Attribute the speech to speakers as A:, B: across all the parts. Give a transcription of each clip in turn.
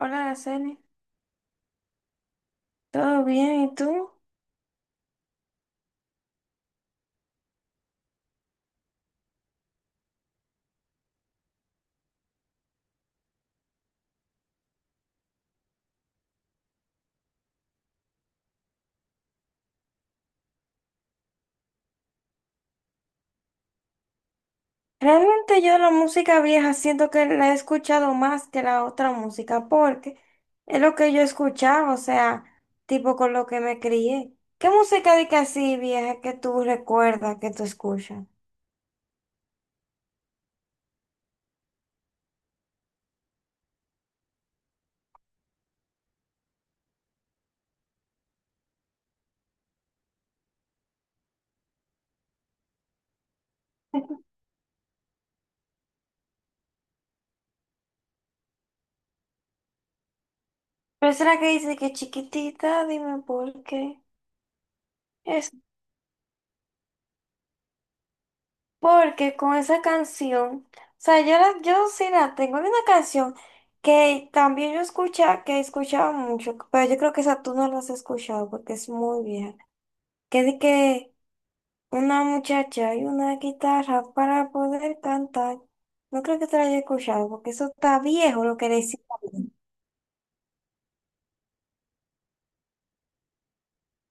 A: Hola, Araceli. ¿Todo bien? ¿Y tú? Realmente yo la música vieja siento que la he escuchado más que la otra música porque es lo que yo escuchaba, o sea, tipo con lo que me crié. ¿Qué música de que así vieja que tú recuerdas, que tú escuchas? Pero será que dice que chiquitita, dime por qué. Porque con esa canción, o sea, yo sí la tengo. Había una canción que también yo escuchaba, que escuchaba mucho, pero yo creo que esa tú no la has escuchado porque es muy vieja. Que de que una muchacha y una guitarra para poder cantar. No creo que te la haya escuchado porque eso está viejo lo que decía.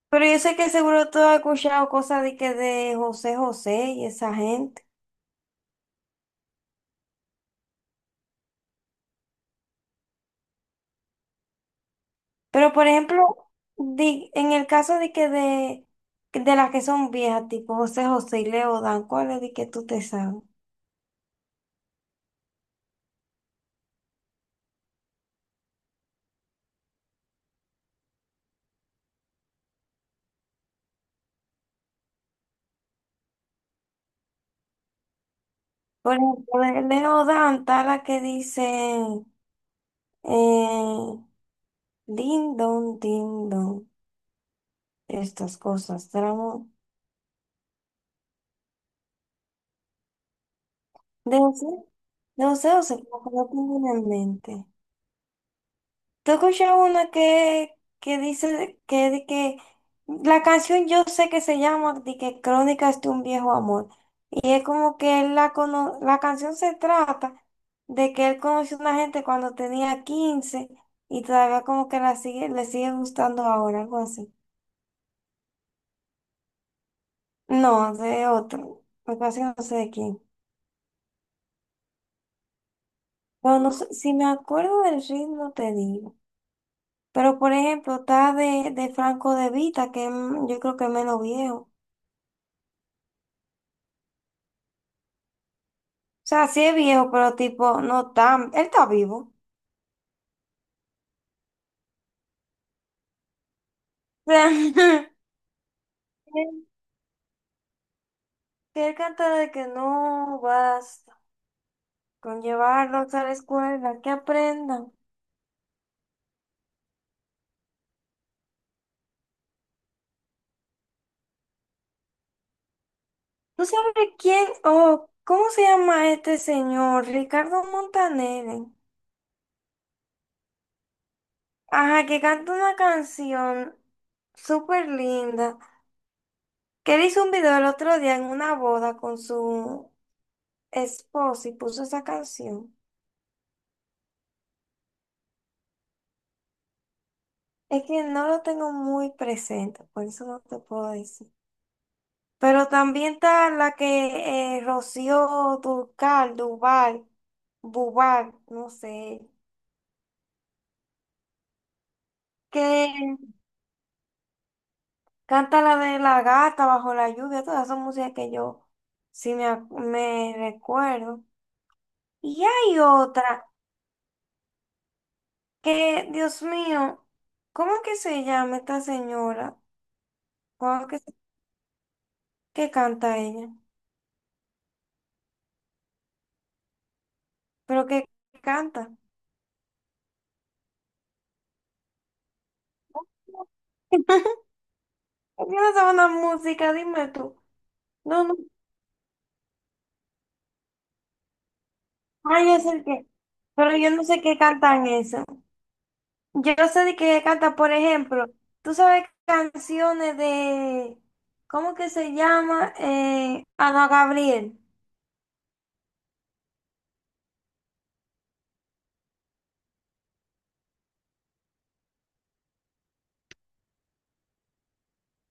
A: Pero yo sé que seguro tú has escuchado cosas de que de José José y esa gente. Pero por ejemplo, en el caso de las que son viejas, tipo José José y Leodan, ¿cuál es de que tú te sabes? Por ejemplo, de Leodan está la que dice eh, din don, estas cosas. De José, de José José, como que no tengo una en mente. ¿Tú has escuchado una que dice que, de que la canción yo sé que se llama de que Crónicas de un viejo amor? Y es como que la canción se trata de que él conoció a una gente cuando tenía 15 y todavía como que la sigue, le sigue gustando ahora, algo así. No, de otro. Lo que pasa es que no sé de quién. Pero no sé, si me acuerdo del ritmo te digo. Pero por ejemplo, está de Franco De Vita, yo creo que es menos viejo. O sea, sí es viejo, pero tipo, no tan. Él está vivo. Que él canta de que no vas con llevarlos a la escuela, que aprendan. ¿Tú sabes quién? Oh, ¿cómo se llama este señor? Ricardo Montaner. Ajá, que canta una canción súper linda. Que él hizo un video el otro día en una boda con su esposa y puso esa canción. Es que no lo tengo muy presente, por eso no te puedo decir. Pero también está la que Rocío Dúrcal, Duval, Bubal, no sé, que canta la de la gata bajo la lluvia, todas son músicas que yo me recuerdo. Y hay otra que, Dios mío, ¿cómo es que se llama esta señora? ¿Cómo es que, se- ¿Que canta ella? ¿Pero que canta? Yo no sé una música, dime tú. No, no, ay, es el que. Pero yo no sé qué cantan eso. Yo no sé de que canta, por ejemplo, tú sabes canciones de, ¿cómo que se llama? Ana Gabriel.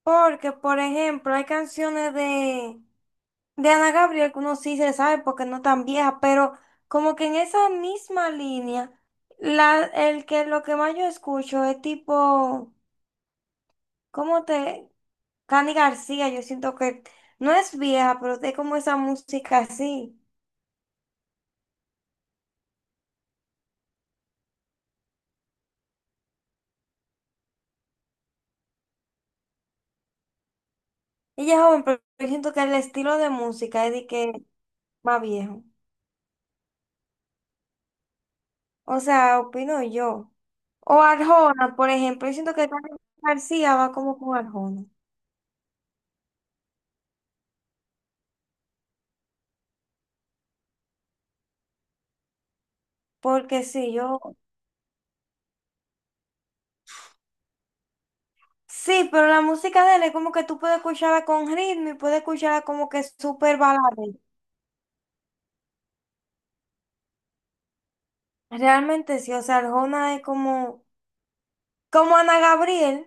A: Porque, por ejemplo, hay canciones de Ana Gabriel que uno sí se sabe porque no tan vieja, pero como que en esa misma línea, el que lo que más yo escucho es tipo, ¿cómo te? Cani García, yo siento que no es vieja, pero es como esa música así. Ella es joven, pero yo siento que el estilo de música es de que más viejo. O sea, opino yo. O Arjona, por ejemplo, yo siento que Carlos García va como con Arjona. Porque sí, yo... Sí, pero la música de él es como que tú puedes escucharla con ritmo y puedes escucharla como que súper balada. Realmente sí, o sea, Arjona es como, como Ana Gabriel,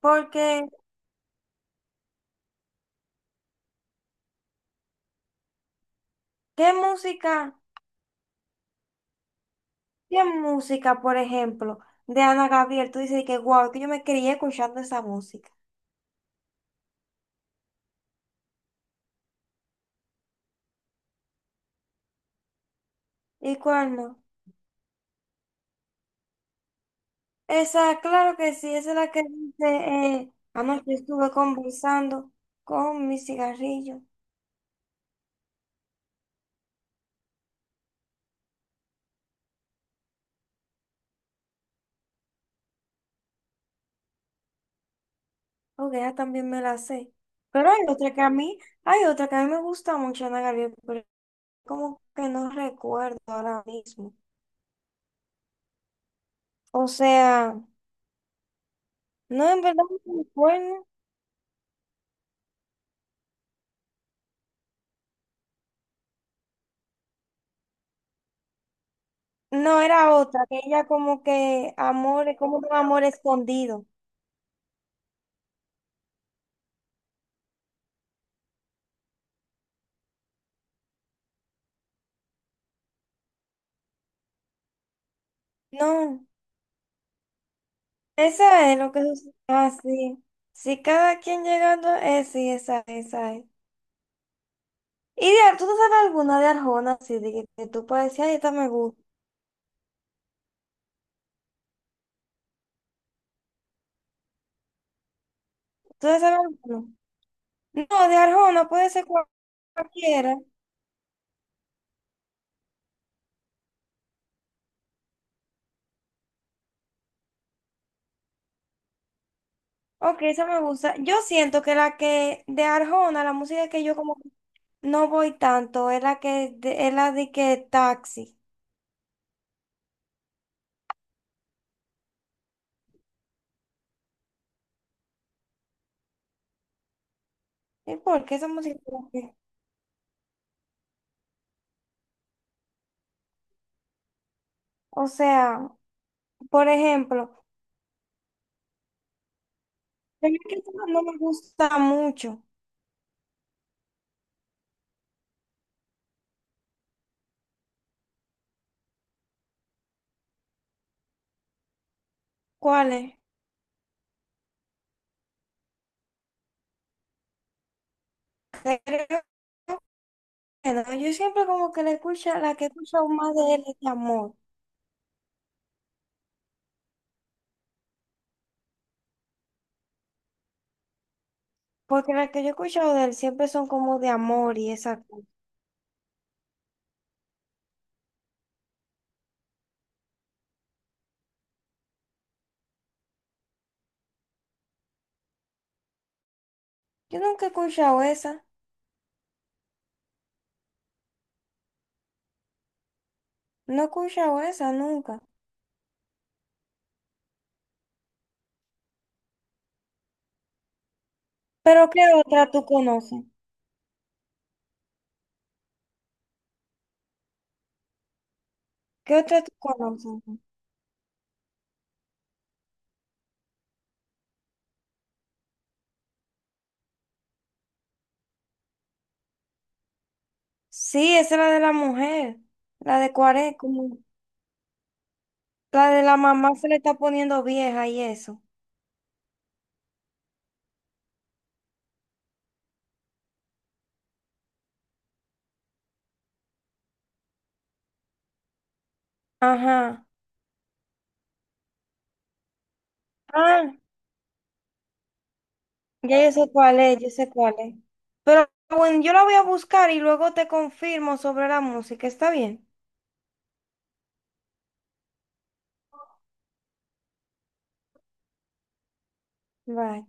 A: porque ¿qué música? ¿Qué música, por ejemplo, de Ana Gabriel? Tú dices que, wow, que yo me crié escuchando esa música. ¿Y cuál no? Esa, claro que sí, esa es la que dice, anoche estuve conversando con mi cigarrillo, porque ya también me la sé. Pero hay otra que a mí me gusta mucho, Ana Gabriel, pero como que no recuerdo ahora mismo. O sea, no, en verdad no recuerdo. No, era otra, que ella como que amor, como un amor escondido. No, esa es lo que sucede. Ah, sí. Si cada quien llegando, es sí, esa es. Y de, ¿tú te sabes alguna de Arjona, así de que tú puedes decir, ay, esta me gusta? ¿Tú te sabes alguna? No, de Arjona puede ser cualquiera. Ok, esa me gusta. Yo siento que la que de Arjona, la música que yo como que no voy tanto, es la de que taxi. ¿Y por qué esa música? Como que... O sea, por ejemplo, hay una que no me gusta mucho. ¿Cuál es? Creo que no. Yo siempre como que la escucho, la que escucho más de él es de amor. Porque las que yo he escuchado de él siempre son como de amor y esa cosa. Yo nunca he escuchado esa. No he escuchado esa nunca. Pero ¿qué otra tú conoces? ¿Qué otra tú conoces? Sí, esa es la de la mujer. La de 40, como la de la mamá se le está poniendo vieja y eso. Ajá. Ah, ya yo sé cuál es, yo sé cuál es. Pero bueno, yo la voy a buscar y luego te confirmo sobre la música. ¿Está bien? Bye.